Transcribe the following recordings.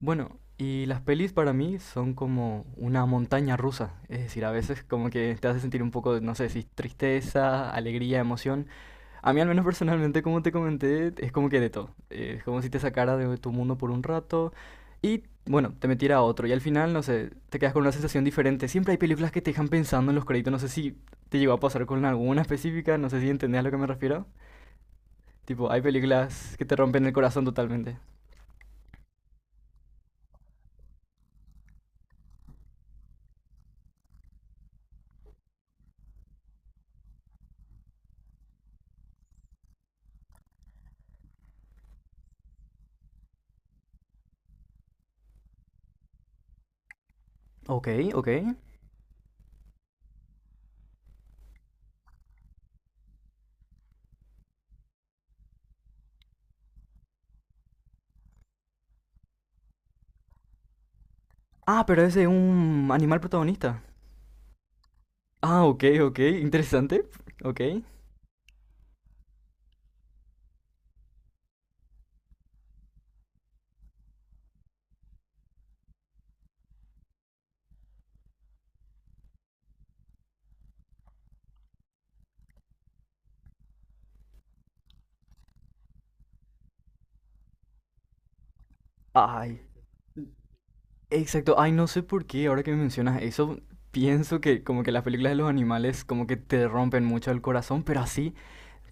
Bueno, y las pelis para mí son como una montaña rusa, es decir, a veces como que te hace sentir un poco, no sé si tristeza, alegría, emoción. A mí al menos personalmente, como te comenté, es como que de todo. Es como si te sacara de tu mundo por un rato y, bueno, te metiera a otro y al final, no sé, te quedas con una sensación diferente. Siempre hay películas que te dejan pensando en los créditos, no sé si te llegó a pasar con alguna específica, no sé si entendés a lo que me refiero. Tipo, hay películas que te rompen el corazón totalmente. Ok, ok. Ah, pero es de un animal protagonista. Ah, ok, ok, interesante. Ok. Ay, exacto. Ay, no sé por qué, ahora que me mencionas eso, pienso que como que las películas de los animales como que te rompen mucho el corazón, pero así,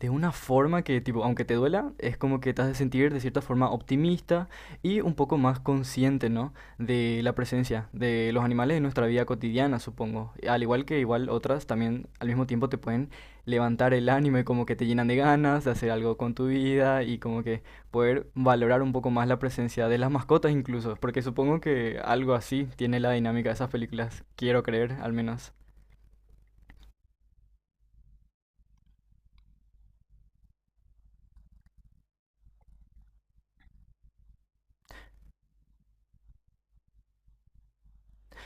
de una forma que, tipo, aunque te duela, es como que te has de sentir de cierta forma optimista y un poco más consciente, ¿no? De la presencia de los animales en nuestra vida cotidiana, supongo. Al igual que igual otras, también al mismo tiempo te pueden levantar el ánimo y como que te llenan de ganas de hacer algo con tu vida y como que poder valorar un poco más la presencia de las mascotas incluso, porque supongo que algo así tiene la dinámica de esas películas, quiero creer al menos.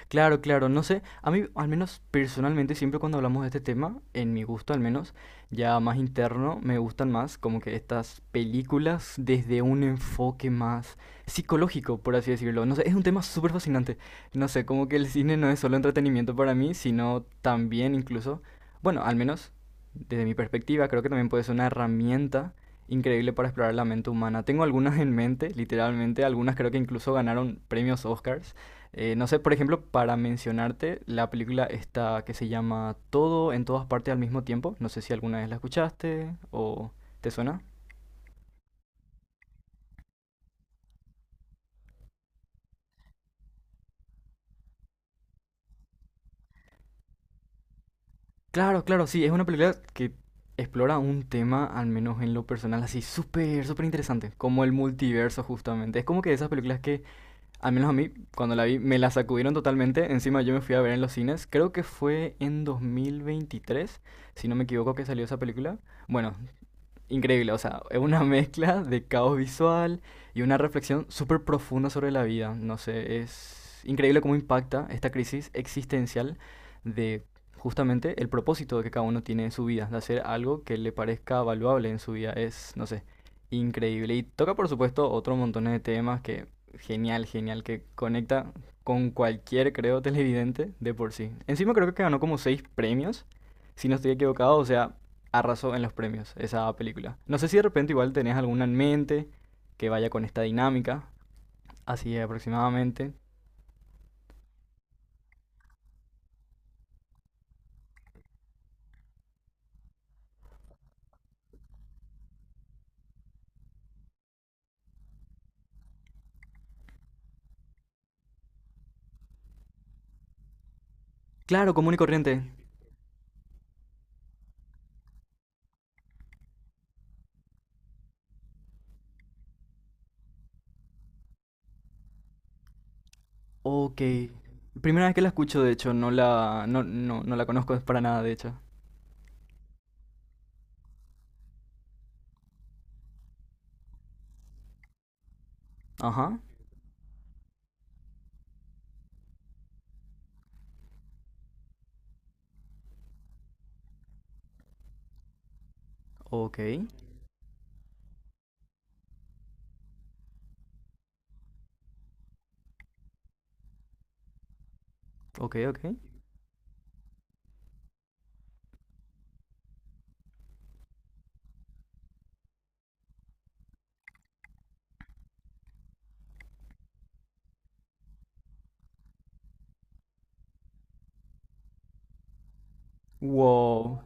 Claro, claro, no sé, a mí al menos personalmente siempre cuando hablamos de este tema, en mi gusto al menos, ya más interno, me gustan más como que estas películas desde un enfoque más psicológico, por así decirlo. No sé, es un tema súper fascinante. No sé, como que el cine no es solo entretenimiento para mí, sino también incluso, bueno, al menos desde mi perspectiva, creo que también puede ser una herramienta increíble para explorar la mente humana. Tengo algunas en mente, literalmente, algunas creo que incluso ganaron premios Oscars, no sé, por ejemplo, para mencionarte, la película está que se llama Todo en todas partes al mismo tiempo. No sé si alguna vez la escuchaste o te suena. Claro, claro, sí, es una película que explora un tema, al menos en lo personal, así súper, súper interesante, como el multiverso justamente. Es como que esas películas que, al menos a mí, cuando la vi, me la sacudieron totalmente. Encima yo me fui a ver en los cines, creo que fue en 2023 si no me equivoco, que salió esa película. Bueno, increíble, o sea, es una mezcla de caos visual y una reflexión súper profunda sobre la vida. No sé, es increíble cómo impacta esta crisis existencial de justamente el propósito que cada uno tiene en su vida, de hacer algo que le parezca valuable en su vida. Es, no sé, increíble. Y toca, por supuesto, otro montón de temas que genial, genial, que conecta con cualquier, creo, televidente de por sí. Encima creo que ganó como seis premios, si no estoy equivocado, o sea, arrasó en los premios esa película. No sé si de repente igual tenés alguna en mente que vaya con esta dinámica, así aproximadamente. Claro, común y corriente. Ok. Primera vez que la escucho, de hecho, no la, no, no, no la conozco para nada, de hecho. Ajá. Ok. Ok, ok. Wow.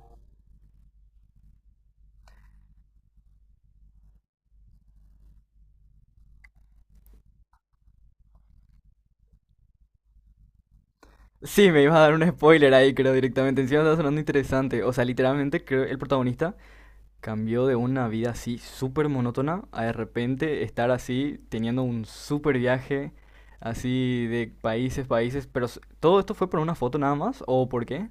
Sí, me ibas a dar un spoiler ahí, creo, directamente. Encima está sonando interesante. O sea, literalmente creo el protagonista cambió de una vida así súper monótona a de repente estar así teniendo un súper viaje así de países, países, pero ¿todo esto fue por una foto nada más o por qué?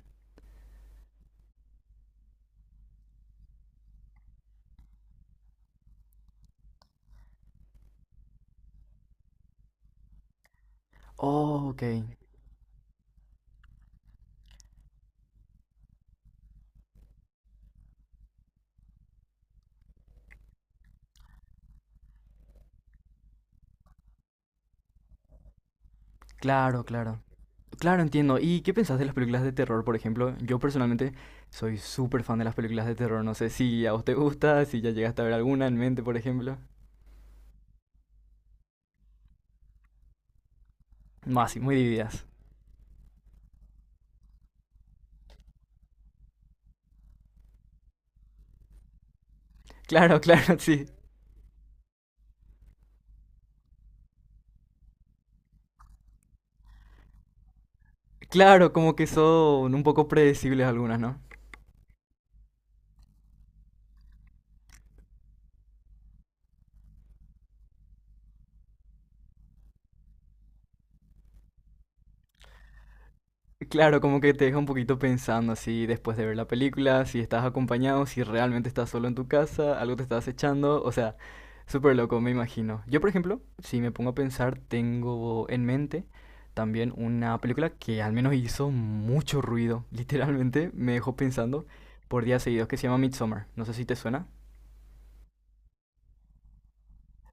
Oh, ok, claro, claro. Claro, entiendo. ¿Y qué pensás de las películas de terror, por ejemplo? Yo personalmente soy súper fan de las películas de terror. No sé si a vos te gusta, si ya llegaste a ver alguna en mente, por ejemplo. No, así, muy divididas. Claro, claro, sí. Claro, como que son un poco predecibles algunas, ¿no? Claro, como que te deja un poquito pensando así después de ver la película, si estás acompañado, si realmente estás solo en tu casa, algo te está acechando, o sea, súper loco, me imagino. Yo, por ejemplo, si me pongo a pensar, tengo en mente también una película que al menos hizo mucho ruido, literalmente me dejó pensando por días seguidos, que se llama Midsommar. No sé si te suena.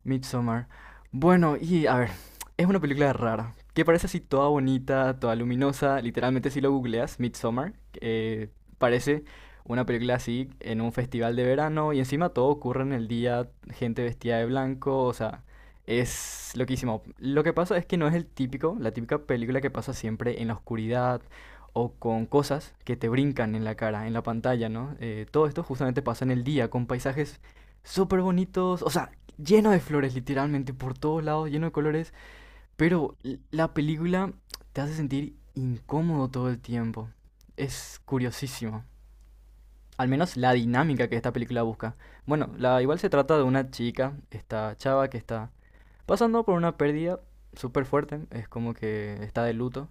Midsommar. Bueno, y a ver, es una película rara, que parece así toda bonita, toda luminosa, literalmente si lo googleas, Midsommar, eh, parece una película así en un festival de verano y encima todo ocurre en el día, gente vestida de blanco, o sea, es loquísimo. Lo que pasa es que no es el típico, la típica película que pasa siempre en la oscuridad o con cosas que te brincan en la cara, en la pantalla, ¿no? Todo esto justamente pasa en el día, con paisajes súper bonitos, o sea, lleno de flores, literalmente, por todos lados, lleno de colores, pero la película te hace sentir incómodo todo el tiempo. Es curiosísimo. Al menos la dinámica que esta película busca. Bueno, igual se trata de una chica, esta chava que está pasando por una pérdida súper fuerte, es como que está de luto,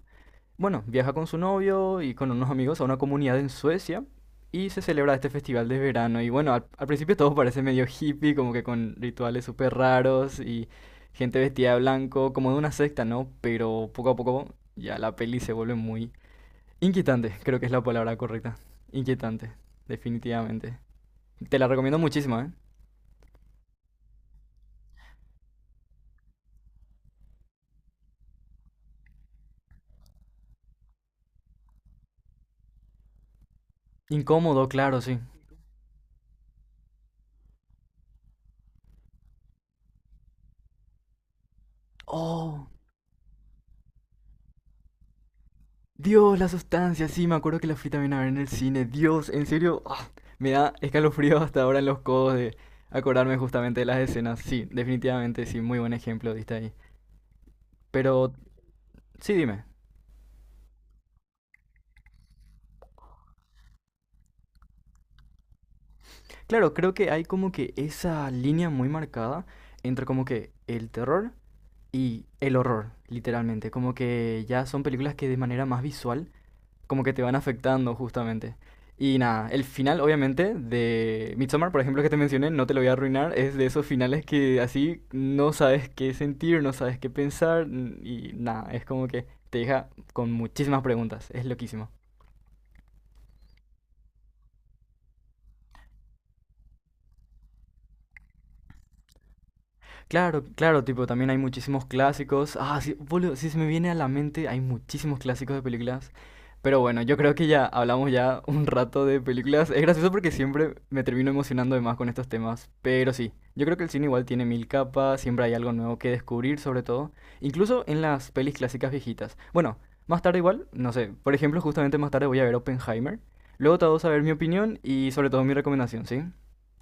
bueno, viaja con su novio y con unos amigos a una comunidad en Suecia y se celebra este festival de verano. Y bueno, al principio todo parece medio hippie, como que con rituales súper raros y gente vestida de blanco, como de una secta, ¿no? Pero poco a poco ya la peli se vuelve muy inquietante, creo que es la palabra correcta. Inquietante, definitivamente. Te la recomiendo muchísimo, ¿eh? Incómodo, claro, sí. Oh, Dios, la sustancia, sí, me acuerdo que la fui también a ver en el cine. Dios, en serio, me da escalofrío hasta ahora en los codos de acordarme justamente de las escenas. Sí, definitivamente, sí, muy buen ejemplo diste ahí. Pero, sí, dime. Claro, creo que hay como que esa línea muy marcada entre como que el terror y el horror, literalmente. Como que ya son películas que de manera más visual como que te van afectando justamente. Y nada, el final obviamente de Midsommar, por ejemplo, que te mencioné, no te lo voy a arruinar, es de esos finales que así no sabes qué sentir, no sabes qué pensar y nada, es como que te deja con muchísimas preguntas, es loquísimo. Claro, claro, tipo, también hay muchísimos clásicos. Ah, sí, boludo, sí se me viene a la mente, hay muchísimos clásicos de películas. Pero bueno, yo creo que ya hablamos ya un rato de películas. Es gracioso porque siempre me termino emocionando de más con estos temas. Pero sí, yo creo que el cine igual tiene mil capas, siempre hay algo nuevo que descubrir, sobre todo. Incluso en las pelis clásicas viejitas. Bueno, más tarde igual, no sé. Por ejemplo, justamente más tarde voy a ver Oppenheimer. Luego te vamos a ver mi opinión y sobre todo mi recomendación, ¿sí?